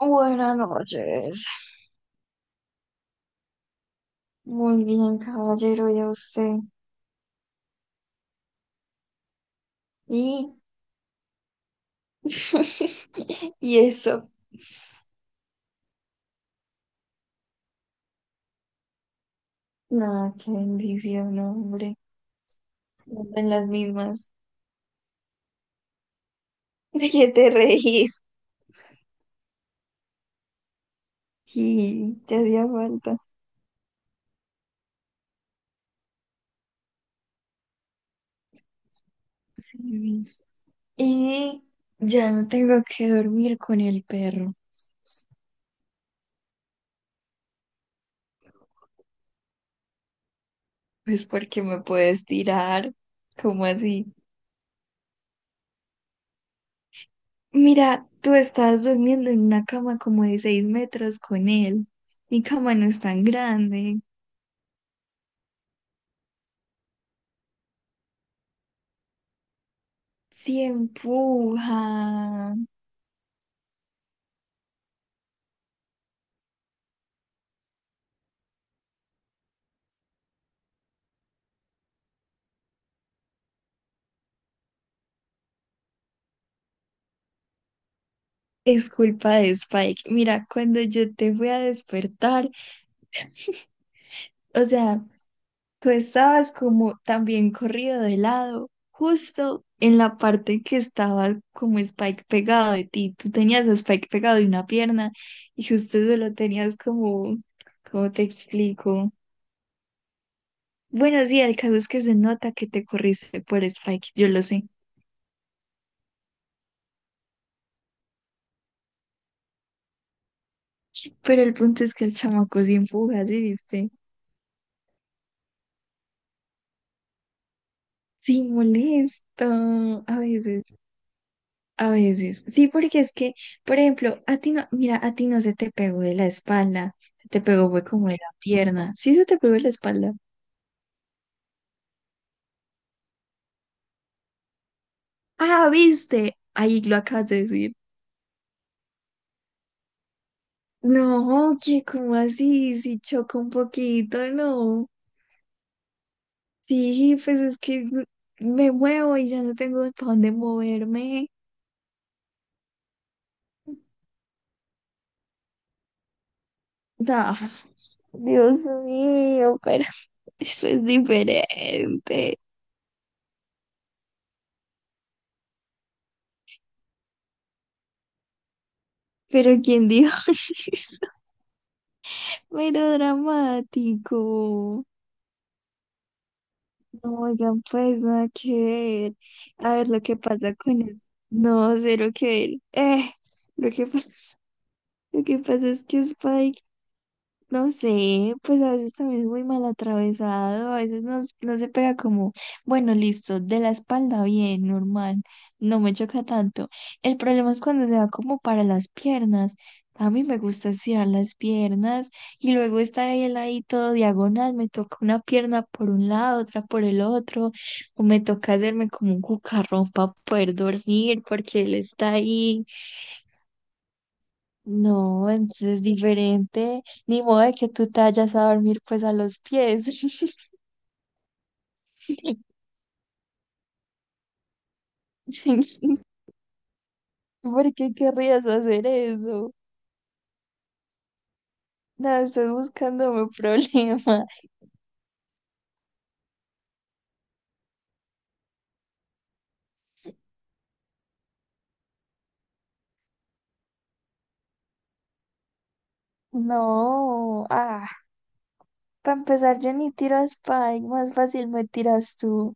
Buenas noches. Muy bien, caballero, ya usted. Y, y eso. Nada, qué bendición, no, hombre. En las mismas. ¿De qué te reís? Y te hacía falta. Sí, y ya no tengo que dormir con el perro. Pues porque me puedes tirar. ¿Cómo así? Mira, tú estás durmiendo en una cama como de 6 metros con él. Mi cama no es tan grande. Si empuja. Es culpa de Spike. Mira, cuando yo te fui a despertar, o sea, tú estabas como también corrido de lado, justo en la parte que estaba como Spike pegado de ti. Tú tenías a Spike pegado de una pierna y justo eso lo tenías como, ¿cómo te explico? Bueno, sí, el caso es que se nota que te corriste por Spike, yo lo sé. Pero el punto es que el chamaco sí empuja, ¿sí viste? Sí, molesto, a veces, a veces. Sí, porque es que, por ejemplo, a ti no, mira, a ti no se te pegó de la espalda, se te pegó fue como de la pierna. Sí, se te pegó de la espalda. Ah, viste, ahí lo acabas de decir. No, que como así, si choco un poquito, no. Sí, pues es que me muevo y ya no tengo para dónde moverme. No, Dios mío, pero eso es diferente. Pero ¿quién dijo eso? Mero dramático. No, oigan, pues nada que ver. A ver lo que pasa con eso. No, cero que ver. Lo que pasa, lo que pasa es que Spike. No sé, pues a veces también es muy mal atravesado, a veces no, no se pega como, bueno, listo, de la espalda bien, normal, no me choca tanto. El problema es cuando se va como para las piernas. A mí me gusta estirar las piernas y luego está él ahí todo diagonal, me toca una pierna por un lado, otra por el otro, o me toca hacerme como un cucarrón para poder dormir porque él está ahí no, entonces es diferente. Ni modo de que tú te vayas a dormir pues a los pies. ¿Por qué querrías hacer eso? No, estás buscándome problema. No, ah, para empezar yo ni tiro a Spike, más fácil me tiras tú.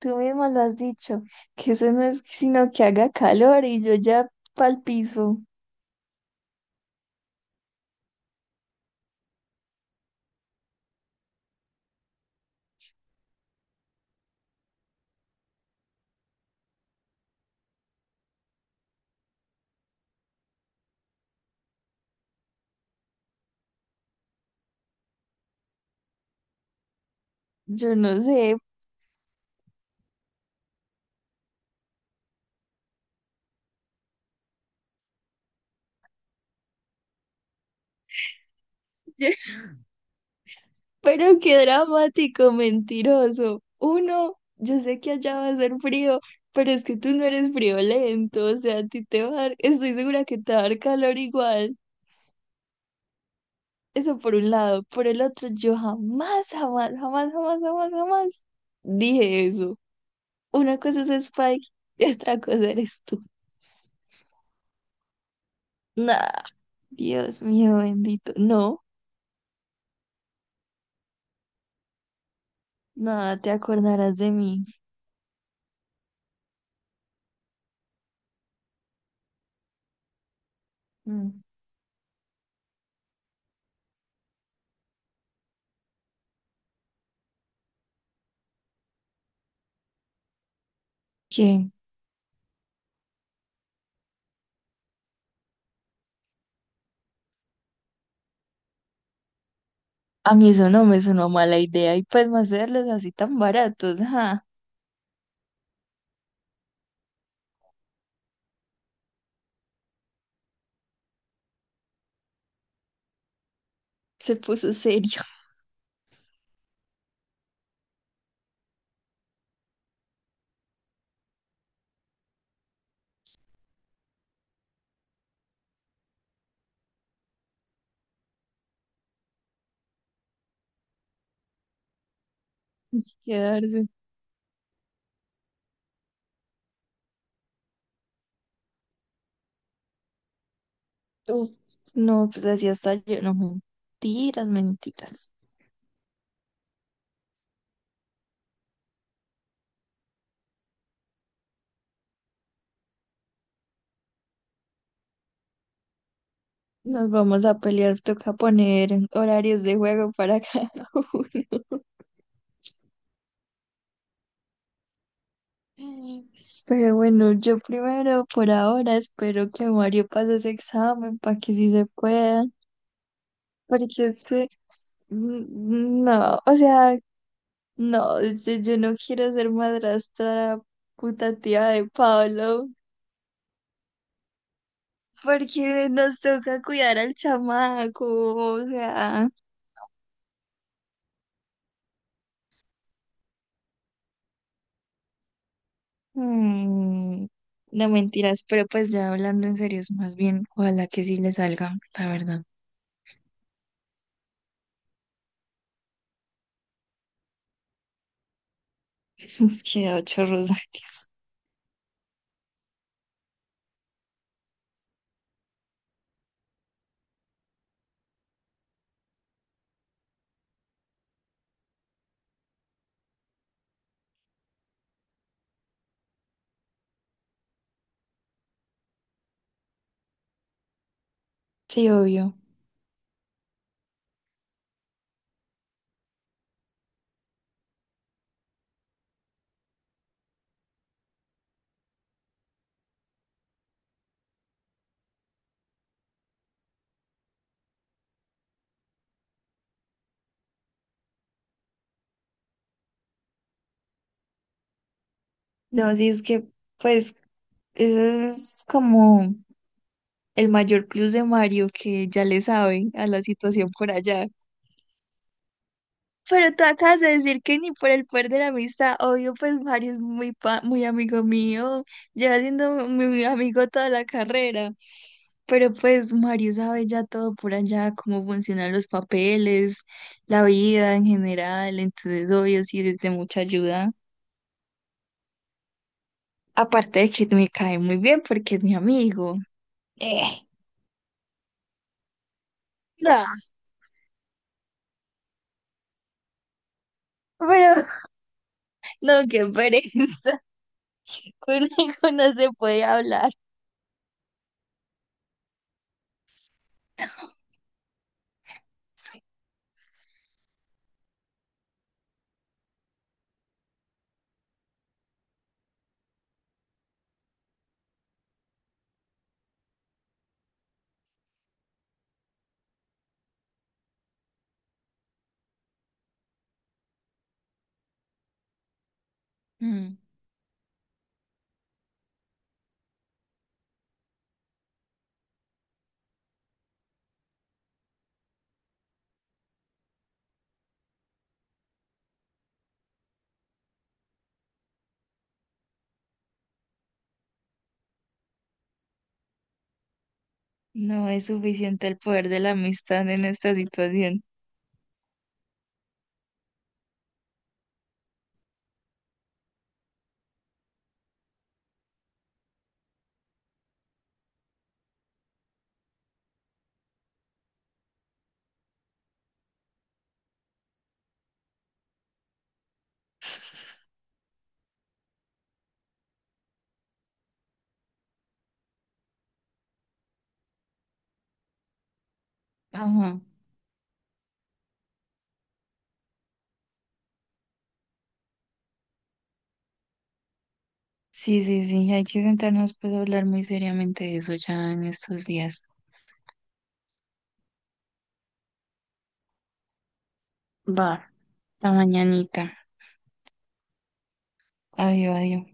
Tú mismo lo has dicho, que eso no es sino que haga calor y yo ya pa'l piso. Yo no sé. Pero qué dramático, mentiroso. Uno, yo sé que allá va a ser frío, pero es que tú no eres friolento, o sea, a ti te va a dar, estoy segura que te va a dar calor igual. Eso por un lado. Por el otro, yo jamás, jamás, jamás, jamás, jamás, jamás dije eso. Una cosa es Spike y otra cosa eres tú. Nah, Dios mío bendito. No, nada, te acordarás de mí. Mm. ¿Qué? A mí eso no me sonó mala idea y pues más hacerlos así tan baratos, ajá, se puso serio quedarse. Uf, no, pues así hasta yo, no, mentiras, mentiras. Nos vamos a pelear, toca poner horarios de juego para cada uno. Pero bueno, yo primero por ahora espero que Mario pase ese examen para que sí se pueda, porque es que mm, mm, no, o sea, no, yo no quiero ser madrastra puta tía de Pablo, porque nos toca cuidar al chamaco, o sea, mm, no mentiras, pero pues ya hablando en serio, es más bien, ojalá que sí le salga, la verdad. Nos queda 8 rosarios. Sí, obvio. No, sí, es que, pues, ese es como el mayor plus de Mario, que ya le sabe a la situación por allá. Pero tú acabas de decir que ni por el poder de la amistad, obvio, pues Mario es muy, muy amigo mío, lleva siendo mi amigo toda la carrera, pero pues Mario sabe ya todo por allá, cómo funcionan los papeles, la vida en general, entonces obvio sí es de mucha ayuda, aparte de que me cae muy bien porque es mi amigo. Eh, No, pero no, qué pereza, conmigo no se puede hablar. Mm. No es suficiente el poder de la amistad en esta situación. Ajá. Sí, sí, sí, hay que sentarnos pues a hablar muy seriamente de eso ya en estos días. Va, la mañanita. Adiós, adiós.